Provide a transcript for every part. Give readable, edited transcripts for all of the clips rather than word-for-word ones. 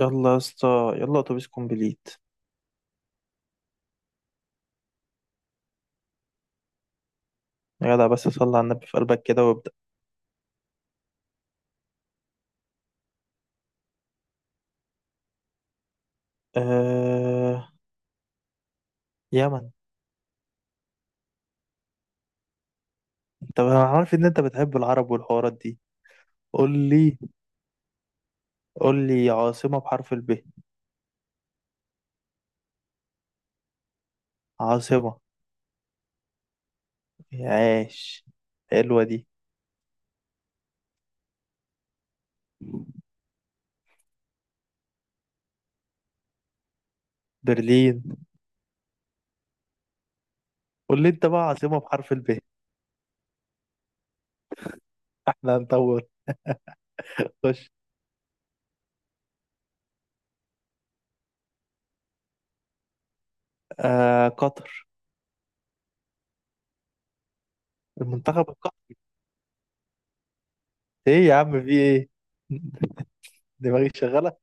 يلا يا اسطى. يلا اتوبيس كومبليت. يا جدع بس صلي على النبي في قلبك كده وابدأ. آه... يمن. انت انا عارف ان انت بتحب العرب والحوارات دي. قول لي. قول لي عاصمة بحرف الب. عاصمة. عاش، حلوة دي. برلين. قول لي انت بقى عاصمة بحرف الب. احنا هندور. خش. قطر. المنتخب القطري. ايه يا عم، في ايه؟ دماغي شغالة.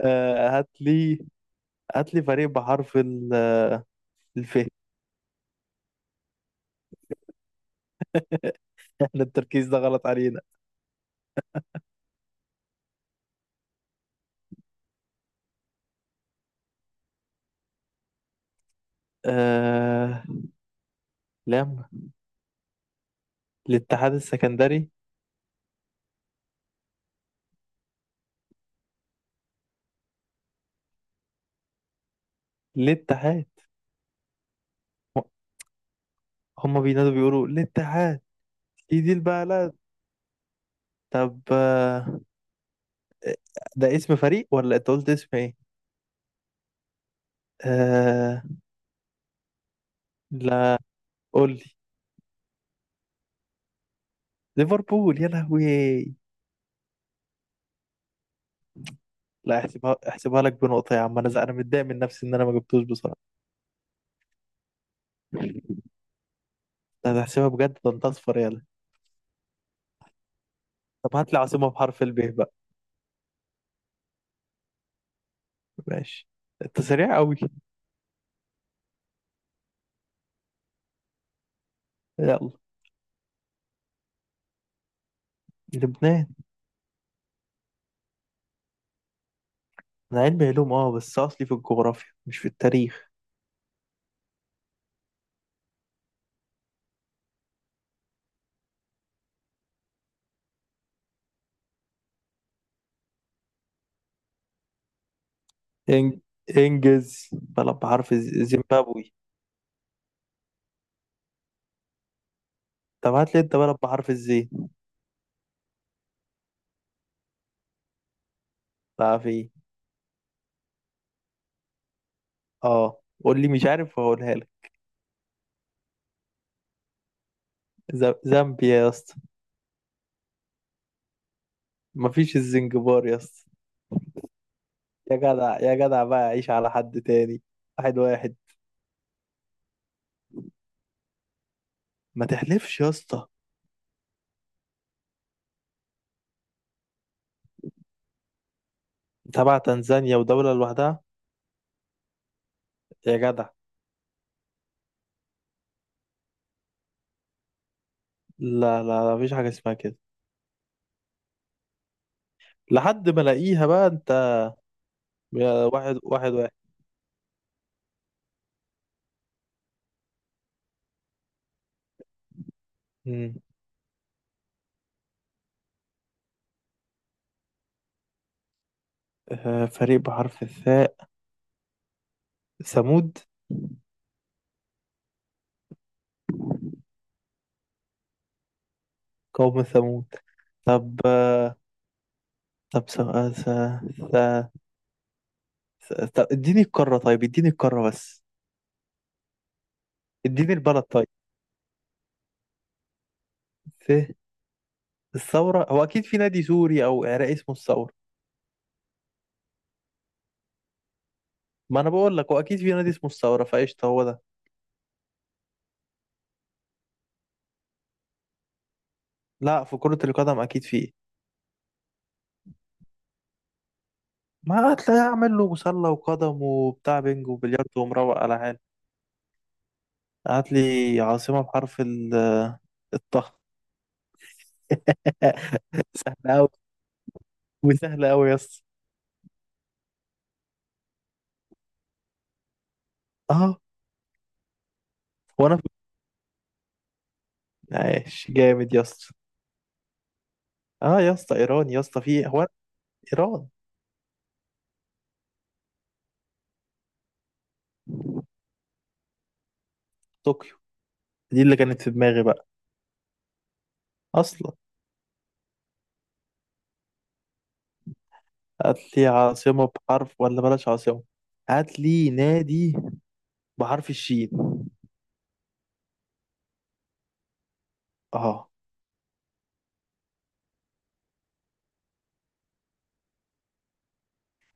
هات لي. هات لي فريق بحرف الف. احنا التركيز ده غلط علينا. آه... لم، الاتحاد السكندري. الاتحاد. هم بينادوا بيقولوا الاتحاد. دي البلد. طب ده اسم فريق ولا انت قلت اسم ايه؟ آه... لا، قول لي. ليفربول يا لهوي. لا، احسبها احسبها لك بنقطة يا عم، انا انا متضايق من نفسي ان انا ما جبتوش بصراحة. لا، ده احسبها بجد، ده انت اصفر، يلا. طب هات لي عاصمة بحرف الب بقى. ماشي، انت سريع قوي. يلا. لبنان. انا علمي علوم، اه، بس اصلي في الجغرافيا مش في التاريخ. إنج... انجز، بلد بحرف زيمبابوي. طب هات لي انت بلد بحرف الزي. تعرف ايه؟ اه قول لي، مش عارف، هقولها لك. زامبيا يا اسطى. مفيش الزنجبار يا اسطى. يا جدع يا جدع بقى، عيش على حد تاني. واحد واحد. ما تحلفش يا اسطى. تبع تنزانيا ودولة لوحدها؟ يا جدع. لا لا لا، مفيش حاجة اسمها كده. لحد ما الاقيها بقى انت. يا واحد واحد واحد. مم. آه، فريق بحرف الثاء. ثمود. قوم ثمود. طب آه، طب س... س... طب اديني القارة، طيب اديني القارة بس. اديني البلد طيب. ف الثورة، هو أكيد في نادي سوري أو عراقي اسمه الثورة. ما أنا بقول لك هو أكيد في نادي اسمه الثورة، فقشطة هو ده. لا، في كرة القدم أكيد في. ما هتلاقي أعمل له مسلة وقدم وبتاع بينج وبلياردو ومروق على حالي. هات لي عاصمة بحرف الطه. سهلة أوي. وسهلة أوي يس. أه. وأنا عايش جامد يا اسطى. اه يا اسطى، ايران يا اسطى، في هو. ايران. طوكيو. دي اللي كانت في دماغي بقى. اصلا. هات لي عاصمه بحرف، ولا بلاش عاصمه. هات لي نادي بحرف الشين. اه،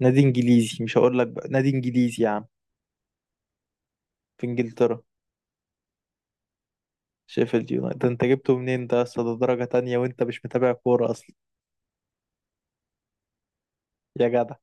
نادي انجليزي، مش هقول لك بقى، نادي انجليزي يا عم، في انجلترا. شيفيلد يونايتد ده انت جبته منين ده اصلا؟ ده درجه تانية وانت مش متابع كوره اصلا. يا جدع.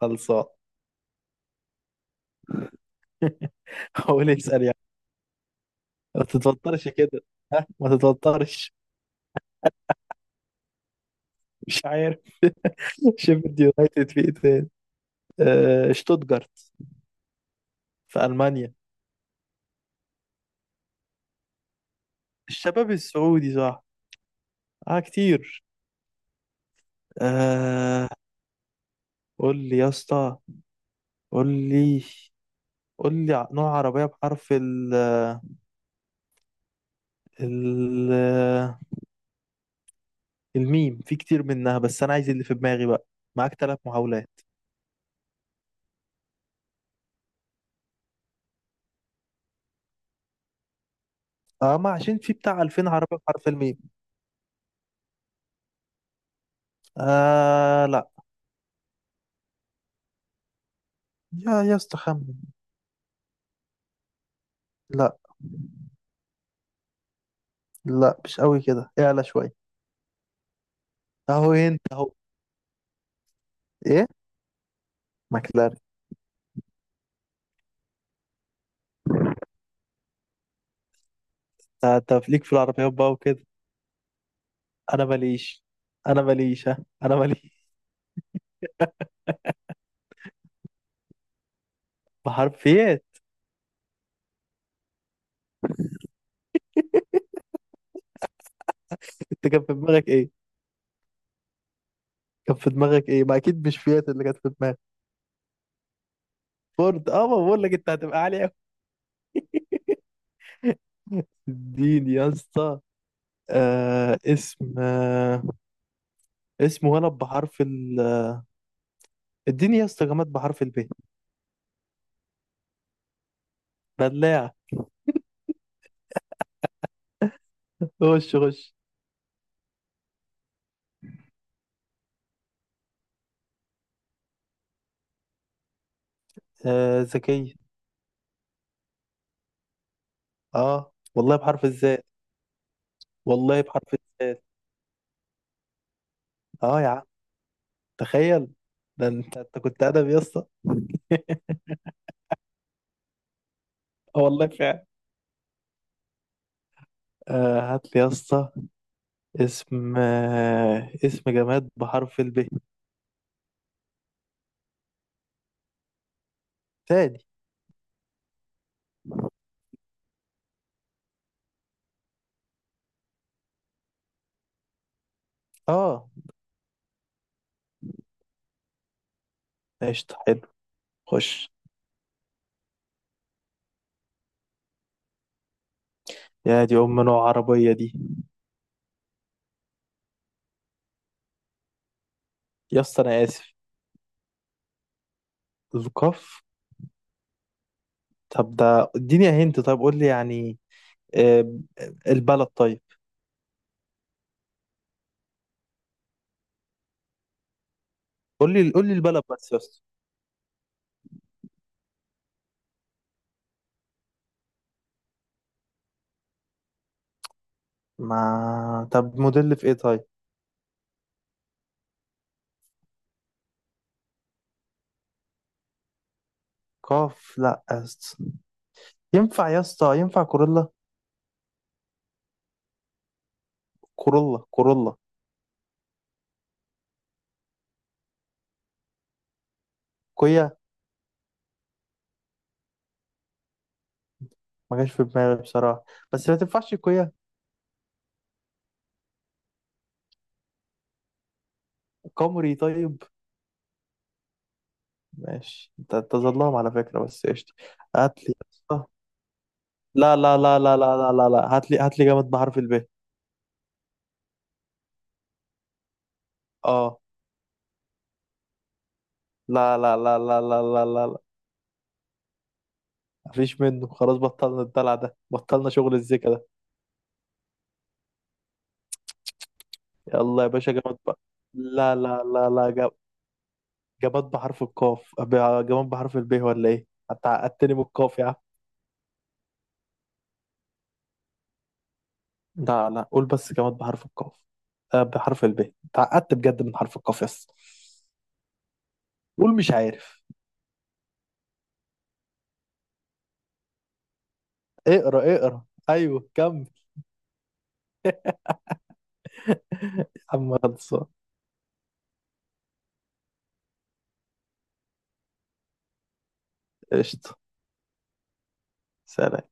خلصان. هقول اسال يعني. ما تتوترش كده. ها، ما تتوترش، مش عارف. شيفيلد يونايتد، في ايه تاني؟ آه، شتوتجارت، في ألمانيا. الشباب السعودي، صح. اه كتير. آه قول لي يا اسطى. قول لي. قول لي نوع عربية بحرف ال الميم. في كتير منها بس أنا عايز اللي في دماغي بقى. معاك ثلاث محاولات. اه، ما عشان في بتاع 2000 عربية بحرف الميم. آه لا. يا اسطى خمن. لا لا، مش قوي كده، اعلى شوية. اهو انت اهو. ايه، ماكلارين. انت، أنت ليك في العربيات بقى وكده. انا ماليش. انا ماليش، ها، انا ماليش. بحرف، فيات. انت كان في دماغك ايه؟ كان في دماغك ايه؟ ما اكيد مش فيات اللي كانت في دماغك. فورد، اه، ما بقول لك انت هتبقى عالي قوي. اديني يا اسطى. آه اسم، آه اسم ولد بحرف ال، اديني يا اسطى جماد بحرف الب. بلاعة. خش خش. آه، ذكية. اه والله بحرف الزاء. والله بحرف الزاء. اه يا عم. تخيل. ده انت، انت كنت ادبي يا اسطى. اه والله فعلا. آه هات لي يا اسطى اسم، آه، اسم جماد بحرف الب تاني. اه قشطة، حلو. خش. يا دي ام، نوع عربية دي. يا اسطى انا اسف. القاف. طب ده اديني هنت، طيب قول لي يعني، آه، البلد طيب. قول لي، قول لي البلد بس يا اسطى. ما طب موديل في ايه طيب. قاف، لا يا اسطى. ينفع يا اسطى؟ ينفع كورولا؟ كورولا، كورولا، كويا. ما جاش في دماغي بصراحة. بس ما تنفعش كويا. كامري طيب. ماشي، انت تظلم على فكرة بس قشطة. هات لي. لا لا لا لا لا لا لا لا، هات لي، هات لي جامد بحرف الب. اه. لا لا لا لا لا لا لا لا. مفيش منه، خلاص بطلنا الدلع ده، بطلنا شغل الزيكا ده. يلا يا باشا جامد بقى. لا لا لا لا، جماد بحرف القاف، جماد بحرف الب ولا ايه؟ انت عقدتني من القاف يا عم. لا لا، قول بس، جماد بحرف القاف، آه، بحرف الب. انت عقدت بجد من حرف القاف يس. قول مش عارف. اقرا اقرا. ايوه كمل. عم خلصان. قشطة. سلام.